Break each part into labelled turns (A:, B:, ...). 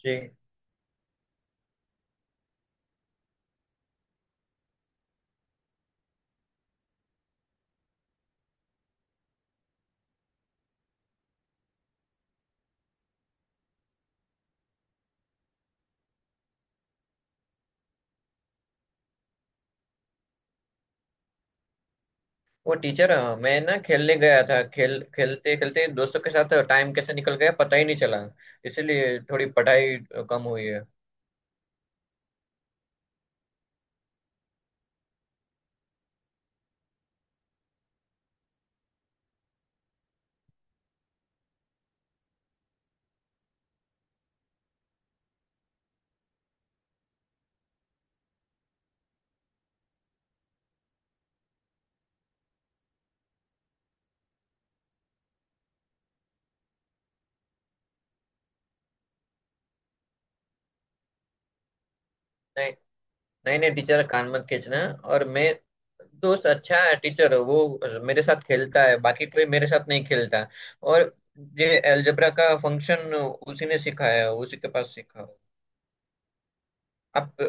A: जी। वो टीचर, मैं ना खेलने गया था। खेल खेलते खेलते दोस्तों के साथ टाइम कैसे निकल गया पता ही नहीं चला। इसीलिए थोड़ी पढ़ाई कम हुई है। नहीं नहीं नहीं टीचर, कान मत खींचना। और मैं, दोस्त अच्छा है टीचर। वो मेरे साथ खेलता है, बाकी कोई मेरे साथ नहीं खेलता। और ये एलजेब्रा का फंक्शन उसी ने सिखाया, उसी के पास सीखा। आप,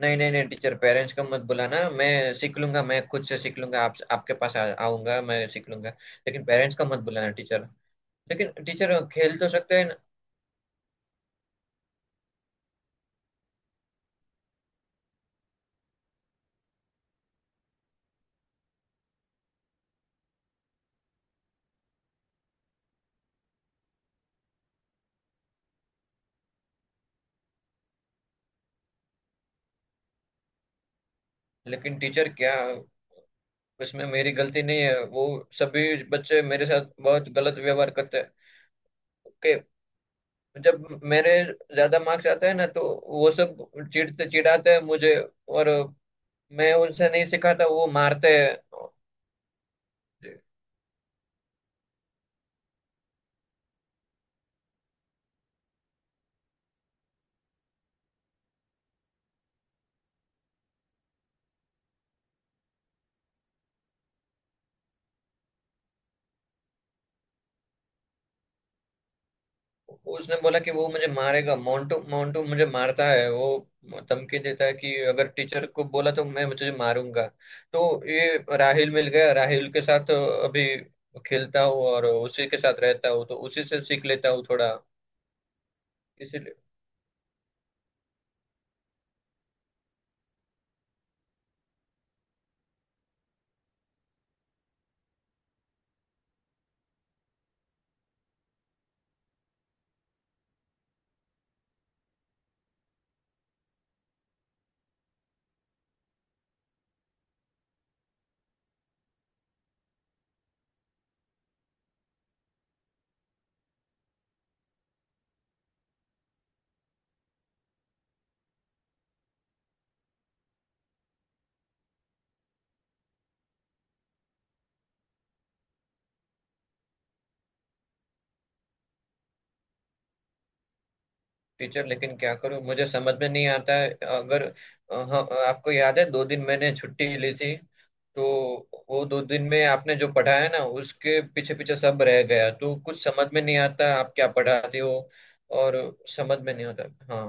A: नहीं नहीं नहीं टीचर, पेरेंट्स को मत बुलाना। मैं सीख लूंगा, मैं खुद से सीख लूंगा। आप, आपके पास आऊंगा, मैं सीख लूंगा। लेकिन पेरेंट्स का मत बुलाना टीचर। लेकिन टीचर खेल तो सकते हैं ना। लेकिन टीचर क्या, उसमें मेरी गलती नहीं है। वो सभी बच्चे मेरे साथ बहुत गलत व्यवहार करते हैं कि जब मेरे ज्यादा मार्क्स आते हैं ना तो वो सब चिढ़ते चिढ़ाते हैं मुझे। और मैं उनसे नहीं सिखाता, वो मारते हैं। उसने बोला कि वो मुझे मारेगा। मोंटू, मोंटू मुझे मारता है। वो धमकी देता है कि अगर टीचर को बोला तो मैं तुझे मारूंगा। तो ये राहिल मिल गया। राहिल के साथ अभी खेलता हूँ और उसी के साथ रहता हूँ, तो उसी से सीख लेता हूँ थोड़ा। इसीलिए टीचर, लेकिन क्या करूँ, मुझे समझ में नहीं आता है। अगर, हाँ, आपको याद है दो दिन मैंने छुट्टी ली थी। तो वो दो दिन में आपने जो पढ़ाया ना, उसके पीछे पीछे सब रह गया। तो कुछ समझ में नहीं आता, आप क्या पढ़ाते हो। और समझ में नहीं आता। हाँ,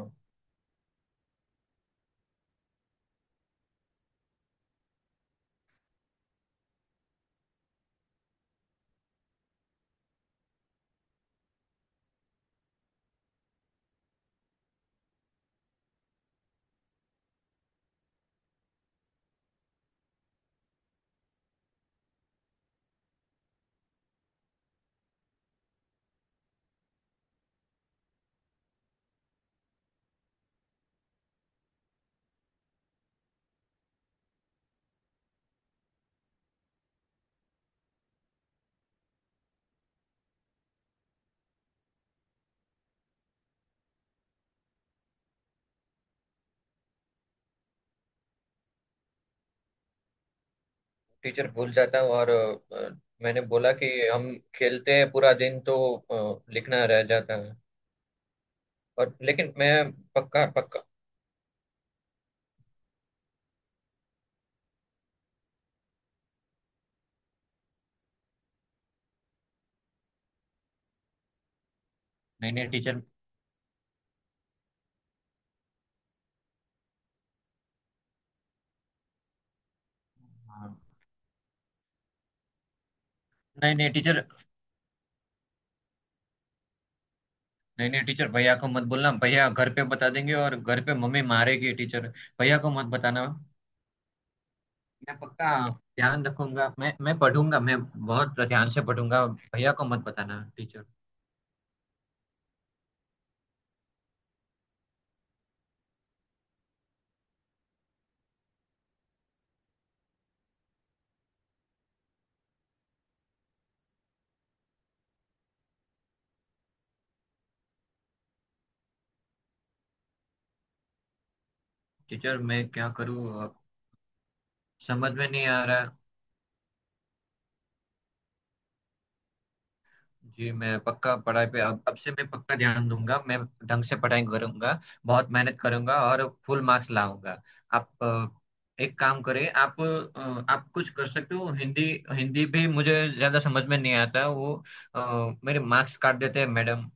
A: टीचर भूल जाता हूँ। मैंने बोला कि हम खेलते हैं पूरा दिन, तो लिखना रह जाता है। और लेकिन मैं पक्का पक्का टीचर। हाँ। नहीं नहीं टीचर, नहीं नहीं टीचर, भैया को मत बोलना। भैया घर पे बता देंगे और घर पे मम्मी मारेगी टीचर। भैया को मत बताना। मैं पक्का ध्यान रखूंगा। मैं पढ़ूंगा, मैं बहुत ध्यान से पढ़ूंगा। भैया को मत बताना टीचर। टीचर मैं क्या करूँ अब, समझ में नहीं आ रहा। जी, मैं पक्का पढ़ाई पे, अब से मैं पक्का ध्यान दूंगा। मैं ढंग से पढ़ाई करूंगा, बहुत मेहनत करूंगा और फुल मार्क्स लाऊंगा। आप एक काम करें। आप कुछ कर सकते हो हिंदी, हिंदी भी मुझे ज्यादा समझ में नहीं आता। वो, अ, मेरे मार्क्स काट देते हैं मैडम।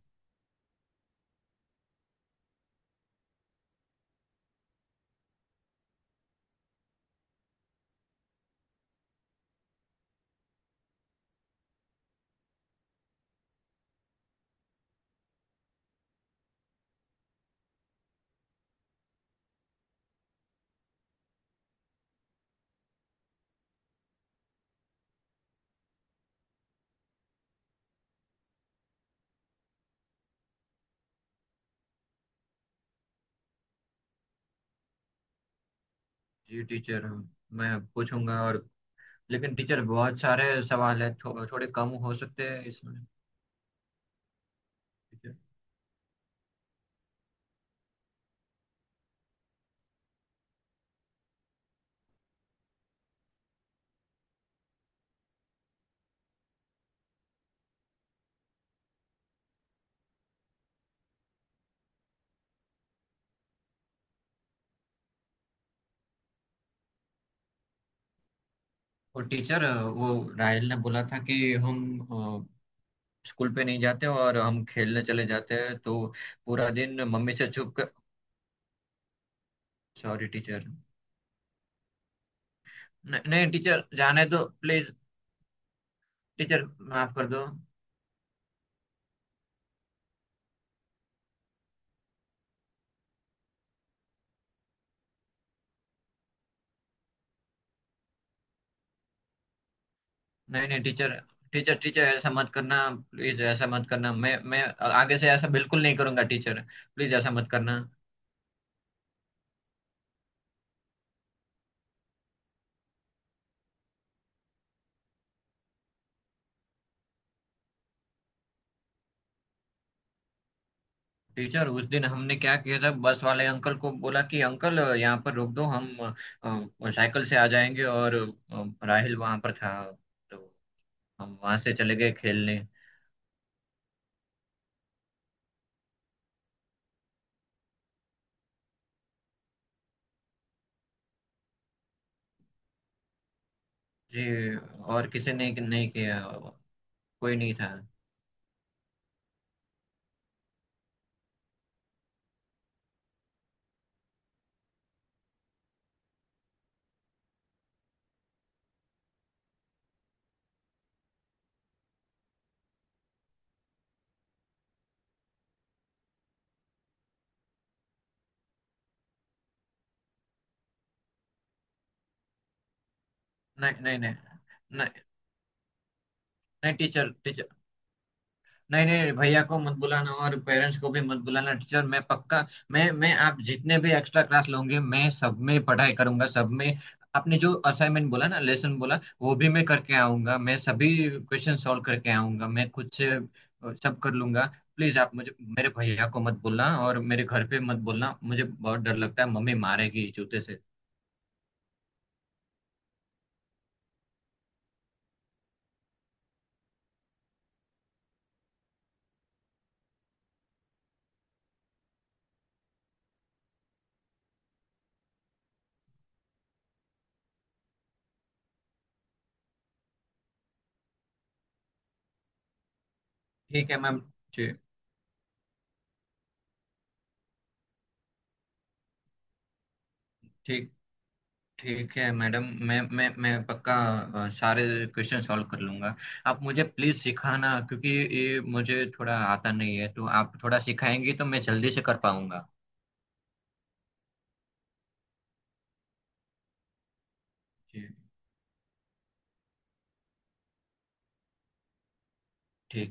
A: जी टीचर, मैं पूछूंगा। और लेकिन टीचर बहुत सारे सवाल है, थोड़े कम हो सकते हैं इसमें टीचर। और टीचर वो राहिल ने बोला था कि हम स्कूल पे नहीं जाते और हम खेलने चले जाते हैं। तो पूरा दिन मम्मी से छुप कर। Sorry teacher. नहीं नहीं टीचर, जाने दो प्लीज। टीचर माफ कर दो। नहीं नहीं टीचर, टीचर टीचर ऐसा मत करना, प्लीज ऐसा मत करना। मैं आगे से ऐसा बिल्कुल नहीं करूंगा टीचर, प्लीज ऐसा मत करना। टीचर उस दिन हमने क्या किया था, बस वाले अंकल को बोला कि अंकल यहाँ पर रोक दो, हम साइकिल से आ जाएंगे। और राहिल वहां पर था, तो हम वहां से चले गए खेलने। जी, और किसी ने नहीं किया, कोई नहीं था। नहीं नहीं नहीं नहीं नहीं टीचर, टीचर, नहीं नहीं भैया को मत बुलाना और पेरेंट्स को भी मत बुलाना टीचर। मैं पक्का, मैं आप जितने भी एक्स्ट्रा क्लास लोगे मैं सब में पढ़ाई करूंगा, सब में। आपने जो असाइनमेंट बोला ना, लेसन बोला, वो भी मैं करके आऊंगा। मैं सभी क्वेश्चन सॉल्व करके आऊंगा। मैं खुद से सब कर लूंगा। प्लीज आप मुझे, मेरे भैया को मत बोलना और मेरे घर पे मत बोलना। मुझे बहुत डर लगता है, मम्मी मारेगी जूते से। ठीक है मैम। जी। ठीक, ठीक है मैडम। मैं पक्का सारे क्वेश्चन सॉल्व कर लूंगा। आप मुझे प्लीज सिखाना, क्योंकि ये मुझे थोड़ा आता नहीं है। तो आप थोड़ा सिखाएंगी तो मैं जल्दी से कर पाऊंगा। जी, ठीक।